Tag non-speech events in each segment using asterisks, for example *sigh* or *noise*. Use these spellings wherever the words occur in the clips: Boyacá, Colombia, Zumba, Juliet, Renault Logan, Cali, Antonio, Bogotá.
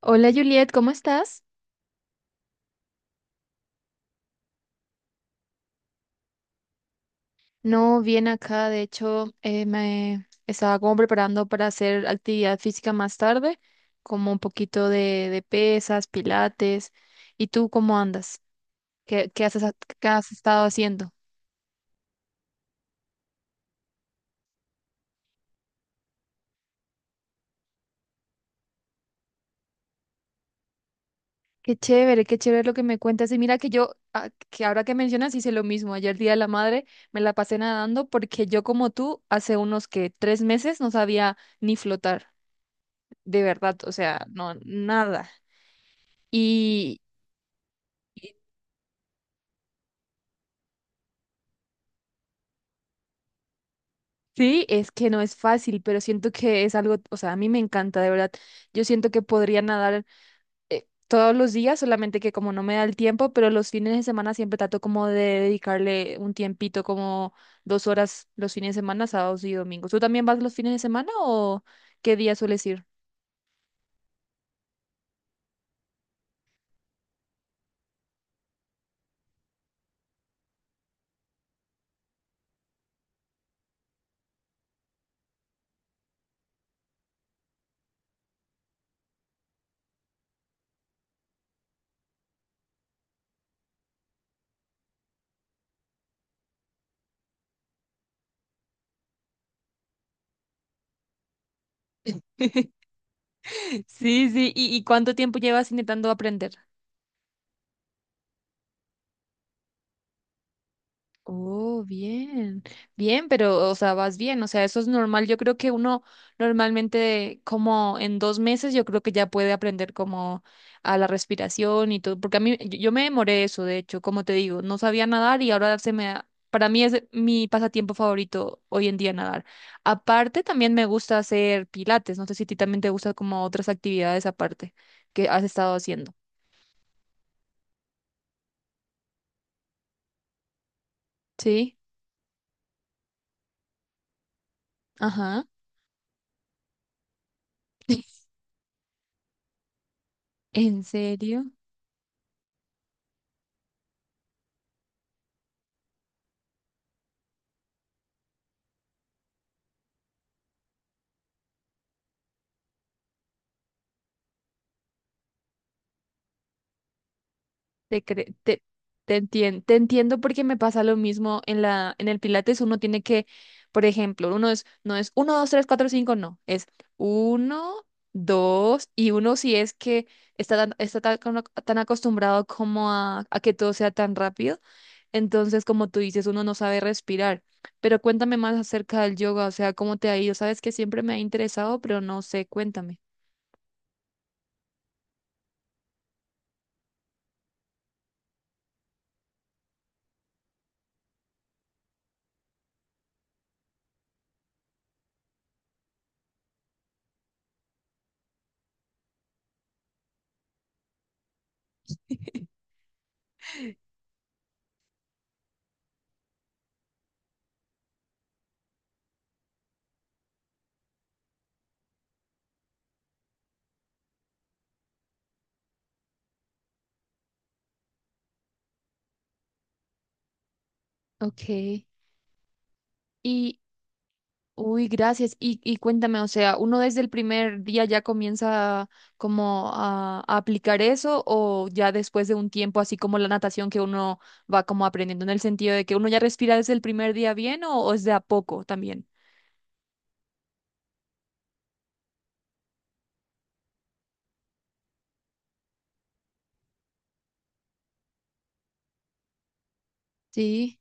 Hola Juliet, ¿cómo estás? No, bien acá, de hecho, me estaba como preparando para hacer actividad física más tarde, como un poquito de pesas, pilates. ¿Y tú cómo andas? ¿Qué haces, qué has estado haciendo? Qué chévere lo que me cuentas. Y mira que yo, que ahora que mencionas, hice lo mismo. Ayer Día de la Madre me la pasé nadando porque yo como tú, hace unos que 3 meses no sabía ni flotar, de verdad, o sea, no, nada. Y, sí, es que no es fácil, pero siento que es algo, o sea, a mí me encanta, de verdad. Yo siento que podría nadar todos los días, solamente que como no me da el tiempo, pero los fines de semana siempre trato como de dedicarle un tiempito, como 2 horas los fines de semana, sábados y domingos. ¿Tú también vas los fines de semana o qué día sueles ir? *laughs* Sí, sí, ¿y cuánto tiempo llevas intentando aprender? Oh, bien, bien, pero, o sea, vas bien, o sea, eso es normal. Yo creo que uno normalmente, como en 2 meses, yo creo que ya puede aprender como a la respiración y todo, porque a mí, yo me demoré eso, de hecho, como te digo, no sabía nadar y ahora se me, para mí es mi pasatiempo favorito hoy en día nadar. Aparte, también me gusta hacer pilates, no sé si a ti también te gusta como otras actividades aparte que has estado haciendo. Sí, ajá, *laughs* ¿en serio? Te, cre- te entien- te entiendo porque me pasa lo mismo en en el Pilates. Uno tiene que, por ejemplo, uno es, no es uno, dos, tres, cuatro, cinco, no. Es uno, dos, y uno si es que está tan, tan acostumbrado como a que todo sea tan rápido. Entonces, como tú dices, uno no sabe respirar. Pero cuéntame más acerca del yoga, o sea, cómo te ha ido. Sabes que siempre me ha interesado, pero no sé, cuéntame. Ok. ¿Y, uy, gracias. Y cuéntame, o sea, ¿uno desde el primer día ya comienza como a aplicar eso o ya después de un tiempo, así como la natación que uno va como aprendiendo en el sentido de que uno ya respira desde el primer día bien o es de a poco también? Sí,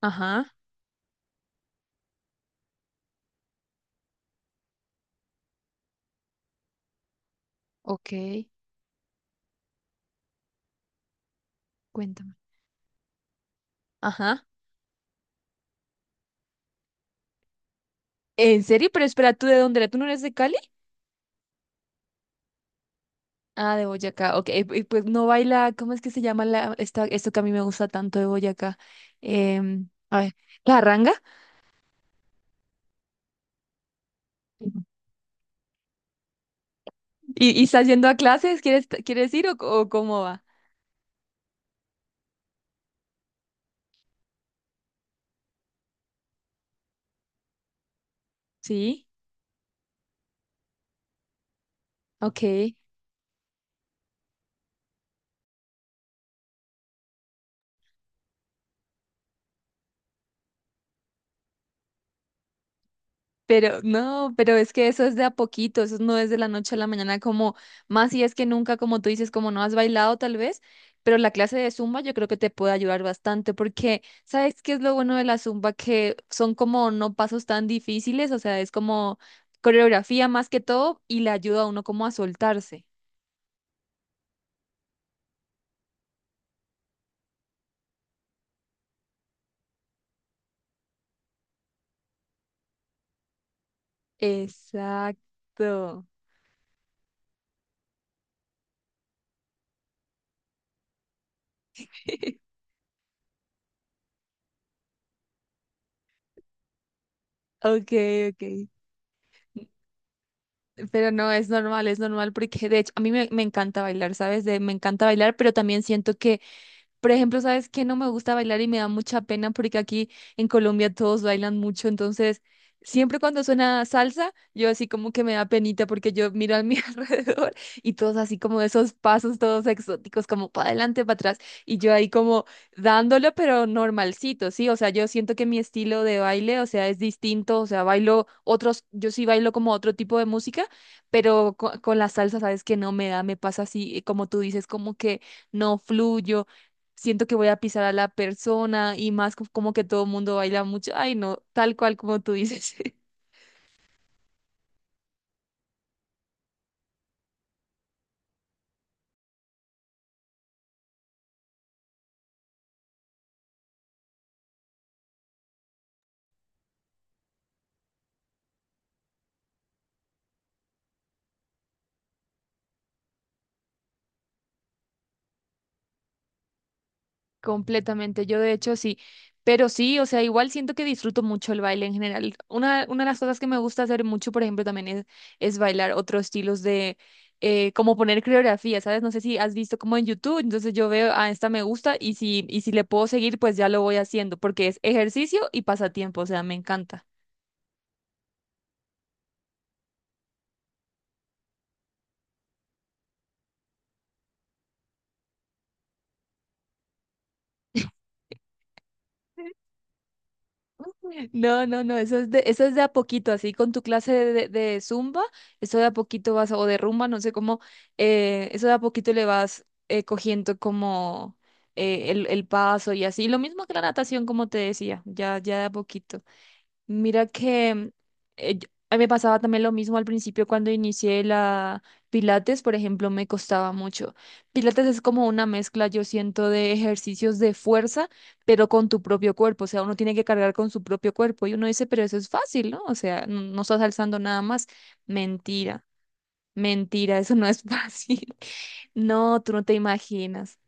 ajá, ok, cuéntame. Ajá. ¿En serio? Pero espera, ¿tú de dónde eres? ¿Tú no eres de Cali? Ah, de Boyacá, ok. Pues no baila, ¿cómo es que se llama esto que a mí me gusta tanto de Boyacá? A ver, ¿la ranga? ¿Y estás yendo a clases? ¿Quieres ir o cómo va? Sí, ok. Pero no, pero es que eso es de a poquito, eso no es de la noche a la mañana, como más si es que nunca, como tú dices, como no has bailado tal vez, pero la clase de Zumba yo creo que te puede ayudar bastante porque, ¿sabes qué es lo bueno de la Zumba? Que son como no pasos tan difíciles, o sea, es como coreografía más que todo y le ayuda a uno como a soltarse. Exacto. *laughs* Ok, ok. Pero no, es normal porque de hecho a mí me encanta bailar, ¿sabes? Me encanta bailar, pero también siento que por ejemplo, ¿sabes qué? No me gusta bailar y me da mucha pena porque aquí en Colombia todos bailan mucho, entonces siempre cuando suena salsa, yo así como que me da penita porque yo miro a mi *laughs* alrededor y todos así como esos pasos todos exóticos, como para adelante, para atrás, y yo ahí como dándolo, pero normalcito, ¿sí? O sea, yo siento que mi estilo de baile, o sea, es distinto, o sea, bailo otros, yo sí bailo como otro tipo de música, pero con, la salsa, ¿sabes qué? No me da, me pasa así, como tú dices, como que no fluyo siento que voy a pisar a la persona y más como que todo el mundo baila mucho. Ay, no, tal cual como tú dices. *laughs* Completamente, yo de hecho sí, pero sí, o sea, igual siento que disfruto mucho el baile en general. Una de las cosas que me gusta hacer mucho, por ejemplo, también es bailar otros estilos de, como poner coreografía, ¿sabes? No sé si has visto como en YouTube, entonces yo veo, ah, esta me gusta y si le puedo seguir, pues ya lo voy haciendo, porque es ejercicio y pasatiempo, o sea, me encanta. No, no, no, eso es de a poquito, así con tu clase de zumba, eso de a poquito vas, o de rumba, no sé cómo, eso de a poquito le vas cogiendo como el paso y así. Lo mismo que la natación, como te decía, ya, ya de a poquito. Mira que a mí me pasaba también lo mismo al principio cuando inicié la Pilates, por ejemplo, me costaba mucho. Pilates es como una mezcla, yo siento, de ejercicios de fuerza, pero con tu propio cuerpo. O sea, uno tiene que cargar con su propio cuerpo y uno dice, pero eso es fácil, ¿no? O sea, no, no estás alzando nada más. Mentira, mentira, *laughs* eso no es *laughs* fácil. No, tú no te imaginas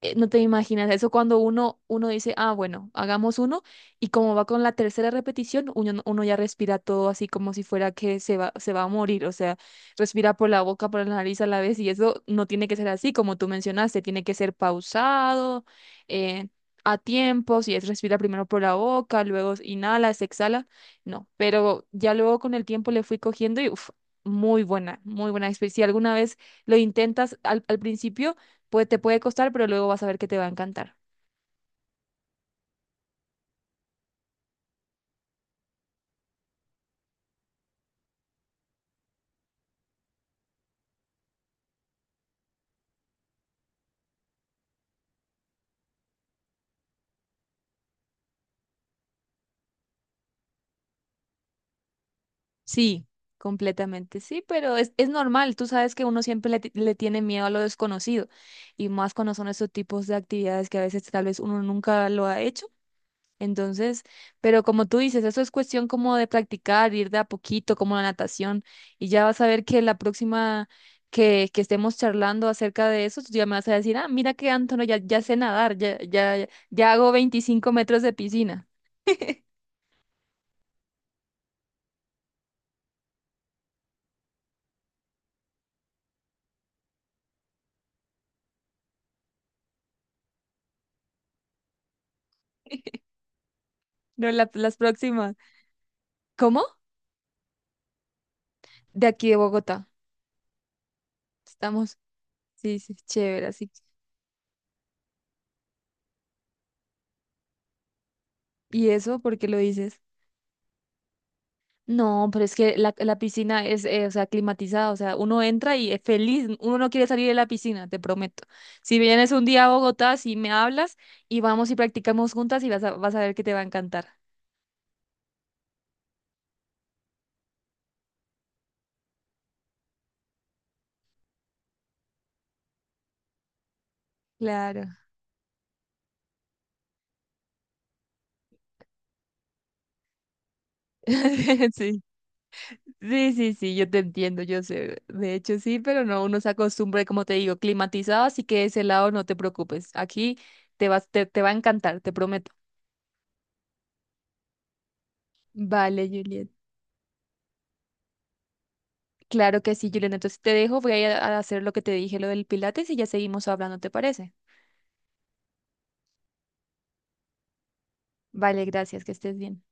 No te imaginas eso cuando uno dice, ah, bueno, hagamos uno, y como va con la tercera repetición, uno, no- uno ya respira todo así como si fuera que se va a morir, o sea, respira por la boca, por la nariz a la vez, y eso no tiene que ser así, como tú mencionaste, tiene que ser pausado, eh, a tiempos, y es respira primero por la boca, luego inhalas, exhala, no, pero ya luego con el tiempo le fui cogiendo y, uff, muy buena experiencia. Si alguna vez lo intentas al principio, te puede costar, pero luego vas a ver que te va a encantar. Sí, completamente sí, pero es normal. Tú sabes que uno siempre le tiene miedo a lo desconocido y más cuando son estos tipos de actividades que a veces tal vez uno nunca lo ha hecho. Entonces, pero como tú dices, eso es cuestión como de practicar, ir de a poquito, como la natación, y ya vas a ver que la próxima que estemos charlando acerca de eso, tú ya me vas a decir, ah, mira que Antonio ya, ya sé nadar, ya, ya, ya hago 25 metros de piscina. *laughs* No, las próximas. ¿Cómo? De aquí de Bogotá. Estamos. Sí, sí, chévere, así. ¿Y eso por qué lo dices? No, pero es que la piscina es, o sea, climatizada, o sea, uno entra y es feliz, uno no quiere salir de la piscina, te prometo. Si vienes un día a Bogotá, si me hablas y vamos y practicamos juntas y vas a ver que te va a encantar. Claro. *laughs* Sí, sí, sí, sí, yo te entiendo, yo sé. De hecho, sí, pero no, uno se acostumbra, y como te digo, climatizado, así que de ese lado no te preocupes. Aquí te vas, te va a encantar, te prometo. Vale, Juliet. Claro que sí, Juliet. Entonces te dejo, voy a ir a hacer lo que te dije, lo del Pilates, y ya seguimos hablando, ¿te parece? Vale, gracias, que estés bien.